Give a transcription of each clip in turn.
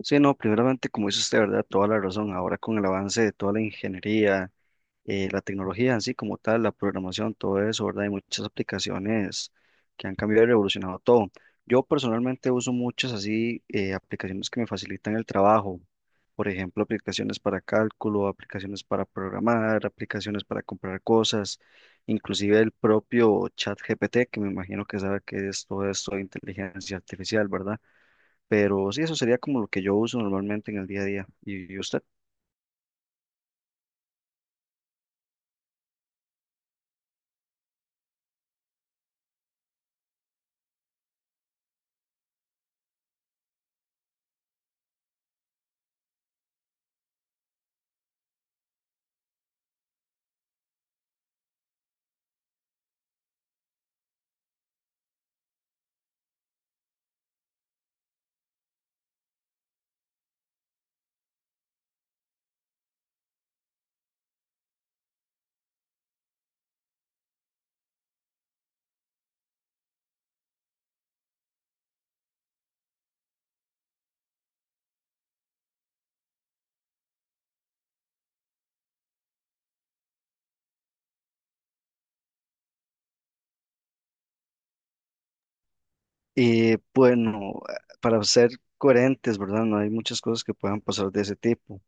Sí, no, primeramente, como dice usted, ¿verdad? Toda la razón. Ahora con el avance de toda la ingeniería, la tecnología en sí como tal, la programación, todo eso, ¿verdad? Hay muchas aplicaciones que han cambiado y revolucionado todo. Yo personalmente uso muchas así aplicaciones que me facilitan el trabajo. Por ejemplo, aplicaciones para cálculo, aplicaciones para programar, aplicaciones para comprar cosas, inclusive el propio ChatGPT, que me imagino que sabe que es todo esto de inteligencia artificial, ¿verdad? Pero sí, eso sería como lo que yo uso normalmente en el día a día. ¿Y usted? Y bueno, para ser coherentes, ¿verdad? No hay muchas cosas que puedan pasar de ese tipo,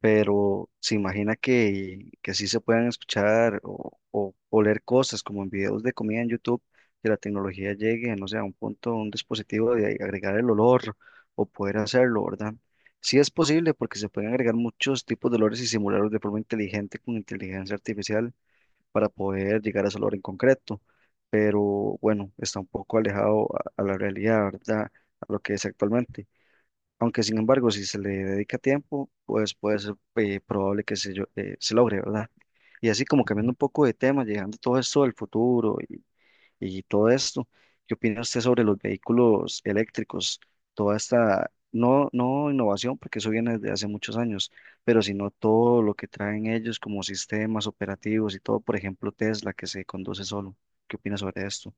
pero se imagina que sí se puedan escuchar o leer cosas como en videos de comida en YouTube, que la tecnología llegue, no sé, a un punto, un dispositivo de agregar el olor o poder hacerlo, ¿verdad? Sí es posible porque se pueden agregar muchos tipos de olores y simularlos de forma inteligente con inteligencia artificial para poder llegar a ese logro en concreto. Pero bueno, está un poco alejado a la realidad, ¿verdad? A lo que es actualmente. Aunque sin embargo, si se le dedica tiempo, pues puede ser probable que se logre, ¿verdad? Y así como cambiando un poco de tema, llegando todo esto del futuro y todo esto. ¿Qué opina usted sobre los vehículos eléctricos? Toda esta, no, no innovación, porque eso viene desde hace muchos años, pero sino todo lo que traen ellos como sistemas operativos y todo, por ejemplo, Tesla que se conduce solo. ¿Qué opina sobre esto?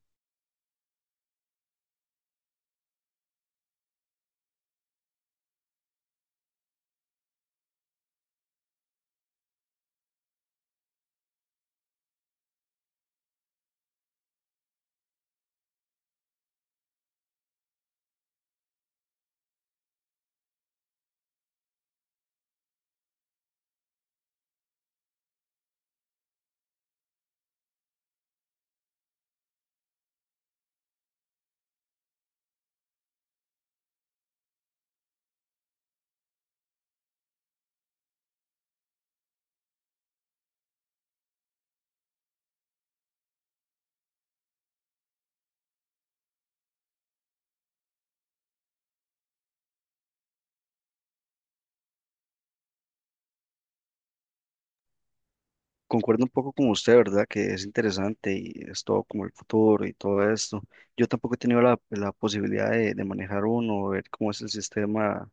Concuerdo un poco con usted, ¿verdad? Que es interesante y es todo como el futuro y todo esto. Yo tampoco he tenido la, la posibilidad de manejar uno, ver cómo es el sistema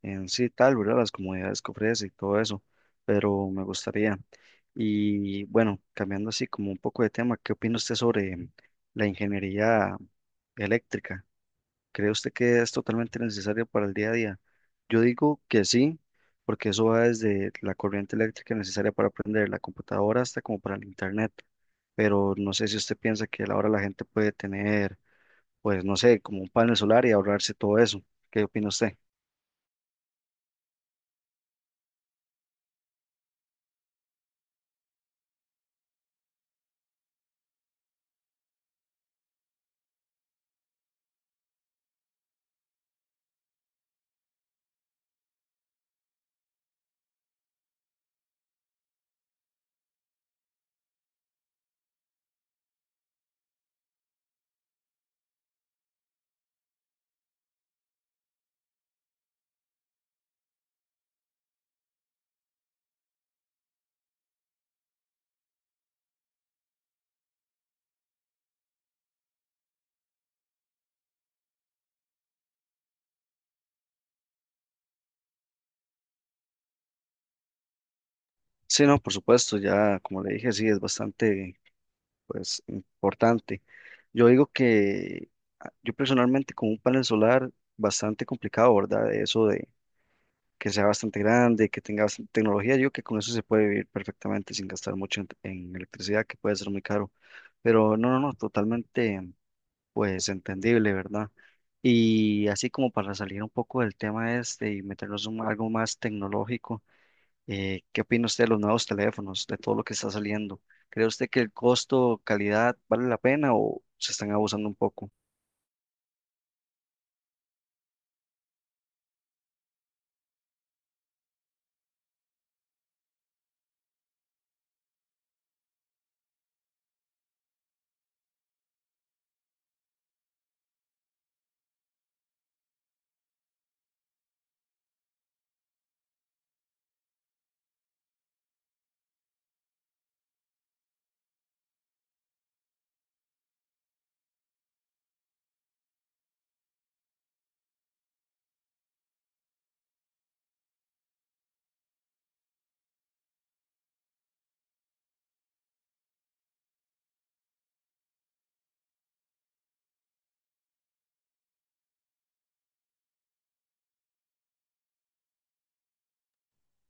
en sí tal, ¿verdad? Las comodidades que ofrece y todo eso, pero me gustaría. Y bueno, cambiando así como un poco de tema, ¿qué opina usted sobre la ingeniería eléctrica? ¿Cree usted que es totalmente necesaria para el día a día? Yo digo que sí, porque eso va desde la corriente eléctrica necesaria para aprender la computadora hasta como para el internet, pero no sé si usted piensa que ahora la gente puede tener, pues no sé, como un panel solar y ahorrarse todo eso. ¿Qué opina usted? Sí, no, por supuesto, ya como le dije, sí, es bastante, pues, importante. Yo digo que yo personalmente con un panel solar bastante complicado, ¿verdad? Eso de que sea bastante grande, que tenga bastante tecnología, yo digo que con eso se puede vivir perfectamente sin gastar mucho en electricidad, que puede ser muy caro. Pero no, no, no, totalmente, pues, entendible, ¿verdad? Y así como para salir un poco del tema este y meternos en algo más tecnológico. ¿Qué opina usted de los nuevos teléfonos, de todo lo que está saliendo? ¿Cree usted que el costo, calidad, vale la pena o se están abusando un poco?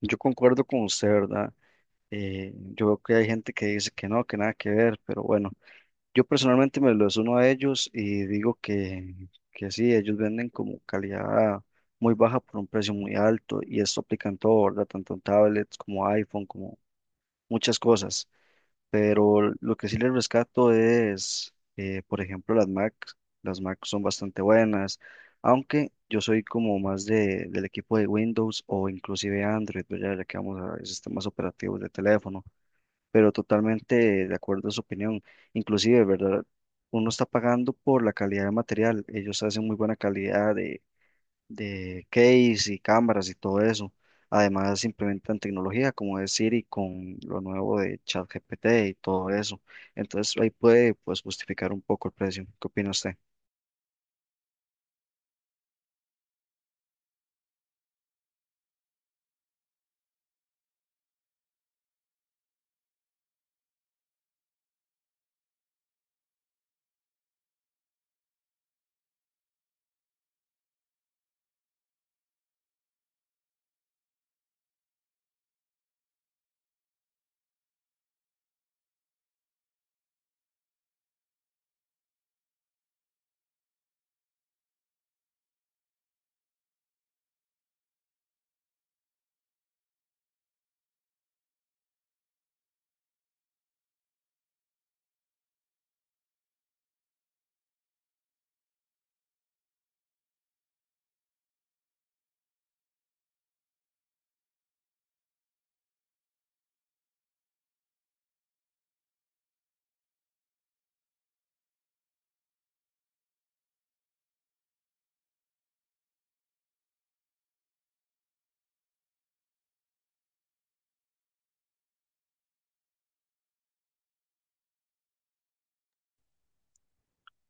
Yo concuerdo con usted, ¿verdad? Yo veo que hay gente que dice que no, que nada que ver, pero bueno, yo personalmente me lo uno a ellos y digo que sí, ellos venden como calidad muy baja por un precio muy alto y esto aplica en todo, ¿verdad? Tanto en tablets como iPhone, como muchas cosas. Pero lo que sí les rescato es, por ejemplo, las Mac. Las Mac son bastante buenas, aunque yo soy como más de, del equipo de Windows o inclusive Android, ¿verdad? Ya que vamos a sistemas operativos de teléfono, pero totalmente de acuerdo a su opinión. Inclusive, ¿verdad? Uno está pagando por la calidad de material. Ellos hacen muy buena calidad de case y cámaras y todo eso. Además, implementan tecnología como es Siri con lo nuevo de ChatGPT y todo eso. Entonces, ahí puede pues, justificar un poco el precio. ¿Qué opina usted?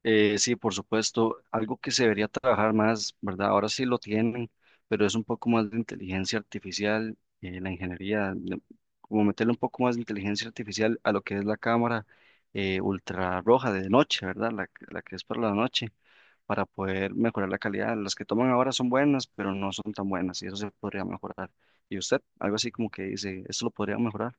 Sí, por supuesto, algo que se debería trabajar más, ¿verdad? Ahora sí lo tienen, pero es un poco más de inteligencia artificial, la ingeniería, como meterle un poco más de inteligencia artificial a lo que es la cámara ultrarroja de noche, ¿verdad? La que es para la noche para poder mejorar la calidad. Las que toman ahora son buenas, pero no son tan buenas y eso se podría mejorar. ¿Y usted? Algo así como que dice, ¿esto lo podría mejorar?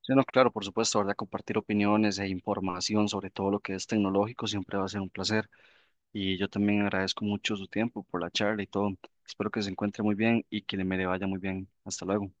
Sí, no, claro, por supuesto, ¿verdad? Compartir opiniones e información sobre todo lo que es tecnológico siempre va a ser un placer. Y yo también agradezco mucho su tiempo por la charla y todo. Espero que se encuentre muy bien y que le vaya muy bien. Hasta luego.